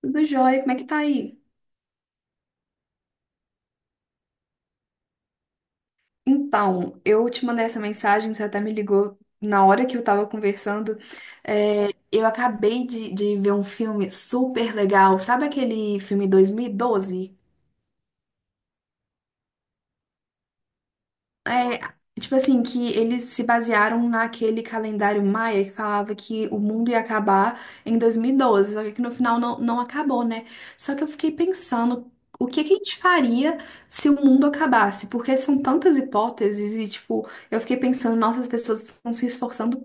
Tudo jóia, como é que tá aí? Então, eu te mandei essa mensagem, você até me ligou na hora que eu tava conversando. É, eu acabei de ver um filme super legal. Sabe aquele filme 2012? É, tipo assim, que eles se basearam naquele calendário maia que falava que o mundo ia acabar em 2012, só que no final não acabou, né? Só que eu fiquei pensando o que que a gente faria se o mundo acabasse, porque são tantas hipóteses e, tipo, eu fiquei pensando, nossa, as pessoas estão se esforçando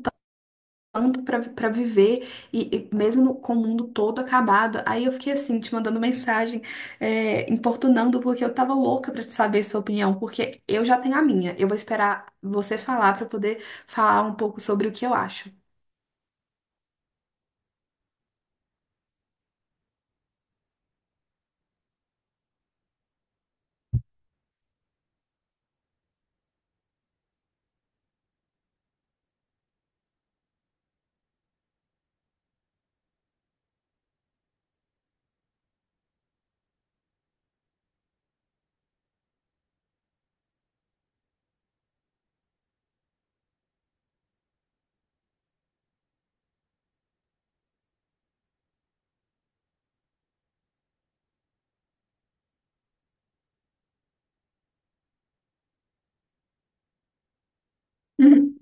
tanto pra para viver, e mesmo com o mundo todo acabado. Aí eu fiquei assim, te mandando mensagem, é, importunando, porque eu tava louca pra te saber sua opinião, porque eu já tenho a minha. Eu vou esperar você falar pra poder falar um pouco sobre o que eu acho. Uhum.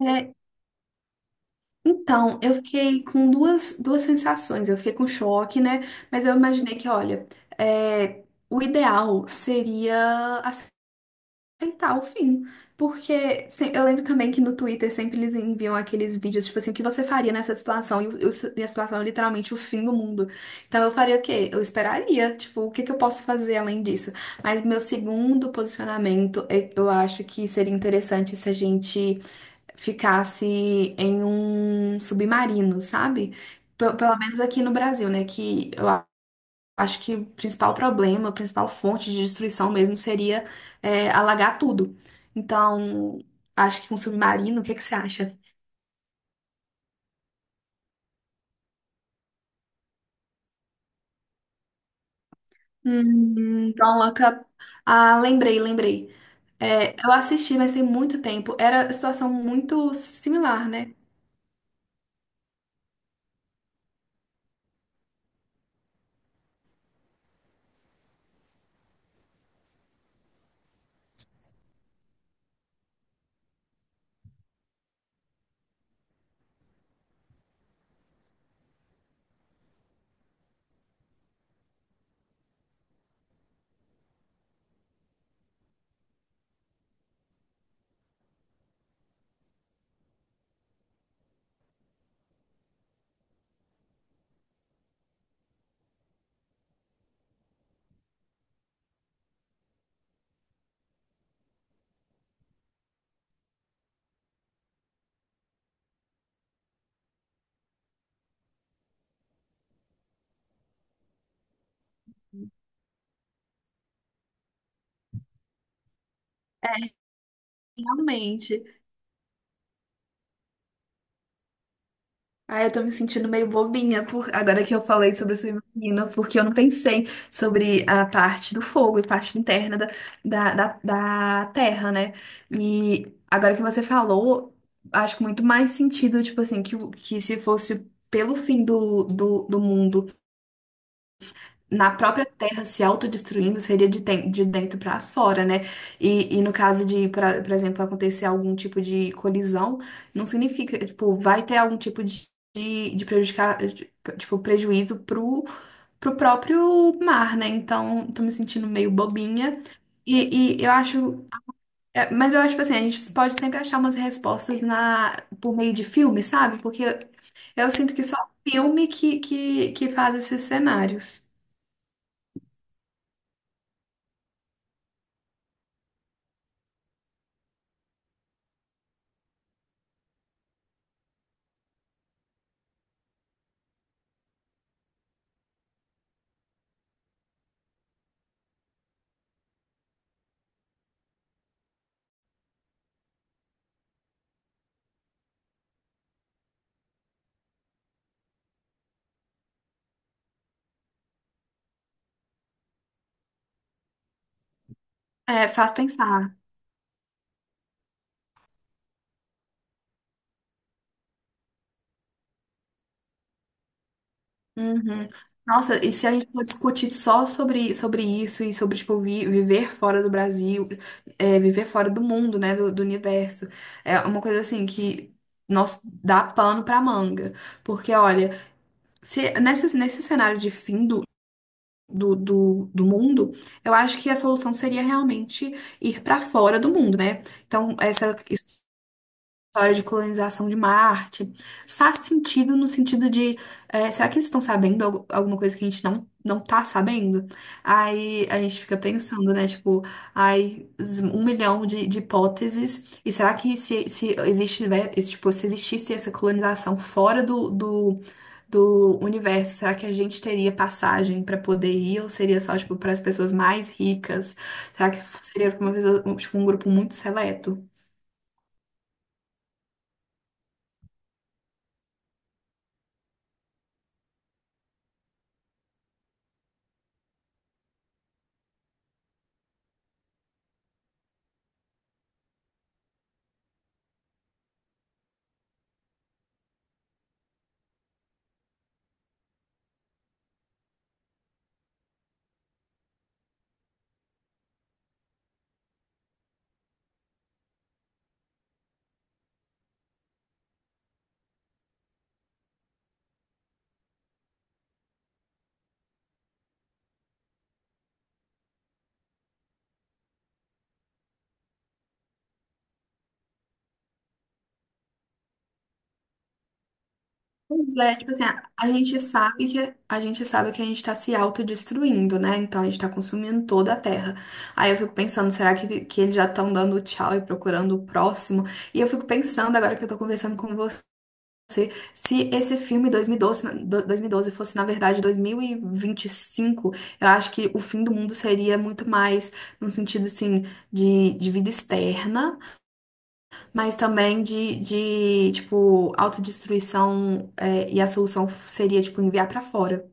É, então, eu fiquei com duas sensações. Eu fiquei com choque, né? Mas eu imaginei que, olha, é, o ideal seria aceitar o fim. Porque eu lembro também que no Twitter sempre eles enviam aqueles vídeos, tipo assim, o que você faria nessa situação? E a situação é literalmente o fim do mundo. Então eu faria o quê? Eu esperaria, tipo, o que que eu posso fazer além disso? Mas meu segundo posicionamento, eu acho que seria interessante se a gente ficasse em um submarino, sabe? Pelo menos aqui no Brasil, né? Que eu acho que o principal problema, a principal fonte de destruição mesmo seria, alagar tudo. Então, acho que um submarino, o que que você acha? Então, ah, lembrei, lembrei. É, eu assisti, mas tem muito tempo. Era situação muito similar, né? Realmente. Ah, eu tô me sentindo meio bobinha por agora que eu falei sobre submarino, porque eu não pensei sobre a parte do fogo e parte interna da terra, né? E agora que você falou, acho que muito mais sentido, tipo assim, que se fosse pelo fim do mundo, na própria terra se autodestruindo, seria de, de dentro para fora, né? E no caso de, por exemplo, acontecer algum tipo de colisão, não significa, tipo, vai ter algum tipo de, de prejudicar, tipo, prejuízo pro próprio mar, né? Então, tô me sentindo meio bobinha. E eu acho. Mas eu acho, tipo assim, a gente pode sempre achar umas respostas na, por meio de filme, sabe? Porque eu sinto que só filme que faz esses cenários. É, faz pensar. Uhum. Nossa, e se a gente for discutir só sobre isso e sobre, tipo, viver fora do Brasil, viver fora do mundo, né, do universo, é uma coisa assim que nós dá pano pra manga. Porque, olha, se, nesse cenário de fim do mundo, eu acho que a solução seria realmente ir pra fora do mundo, né? Então, essa história de colonização de Marte faz sentido no sentido de, será que eles estão sabendo alguma coisa que a gente não tá sabendo? Aí a gente fica pensando, né? Tipo, ai, um milhão de hipóteses. E será que se existe, né, esse, tipo, se existisse essa colonização fora do universo, será que a gente teria passagem para poder ir? Ou seria só, tipo, para as pessoas mais ricas? Será que seria pra um, tipo, um grupo muito seleto? Pois é, tipo assim, a gente sabe que a gente sabe que a gente tá se autodestruindo, né? Então a gente tá consumindo toda a Terra. Aí eu fico pensando, será que eles já estão dando tchau e procurando o próximo? E eu fico pensando, agora que eu tô conversando com você, se esse filme 2012 fosse, na verdade, 2025, eu acho que o fim do mundo seria muito mais no sentido, assim, de, vida externa. Mas também de tipo, autodestruição, e a solução seria, tipo, enviar pra fora.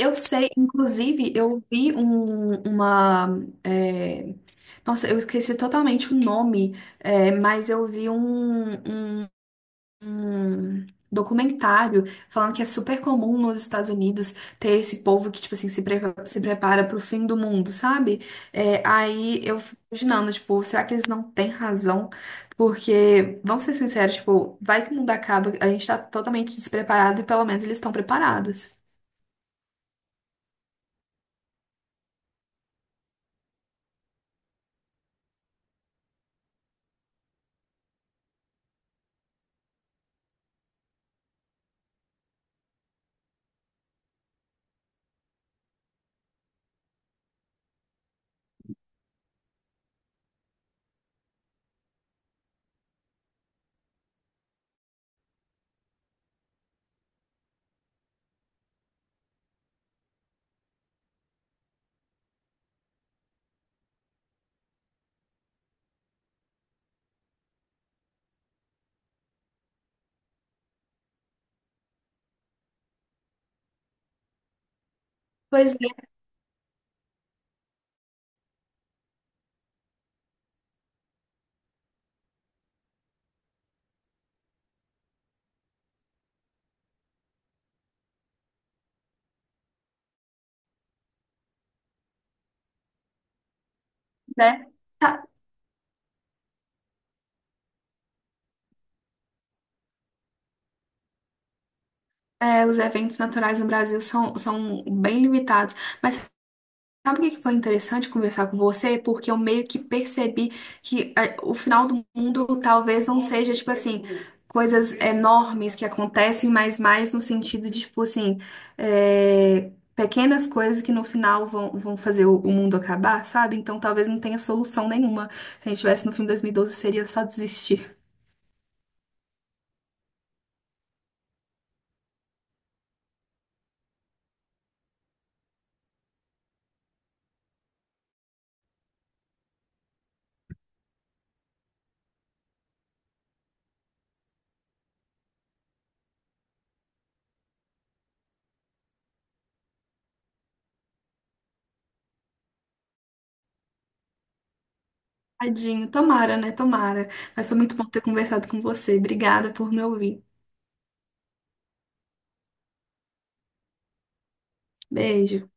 Eu sei, inclusive, eu vi um, uma. é, Nossa, eu esqueci totalmente o nome, mas eu vi um, um documentário falando que é super comum nos Estados Unidos ter esse povo que, tipo assim, se prepara pro fim do mundo, sabe? É, aí eu fico imaginando, tipo, será que eles não têm razão? Porque, vamos ser sinceros, tipo, vai que o mundo acaba, a gente tá totalmente despreparado e pelo menos eles estão preparados. Pois é, né? Tá, os eventos naturais no Brasil são bem limitados. Mas sabe o que que foi interessante conversar com você? Porque eu meio que percebi que o final do mundo talvez não seja, tipo assim, coisas enormes que acontecem, mas mais no sentido de, tipo assim, pequenas coisas que no final vão fazer o mundo acabar, sabe? Então talvez não tenha solução nenhuma. Se a gente tivesse no filme 2012, seria só desistir. Tadinho, tomara, né? Tomara. Mas foi muito bom ter conversado com você. Obrigada por me ouvir. Beijo.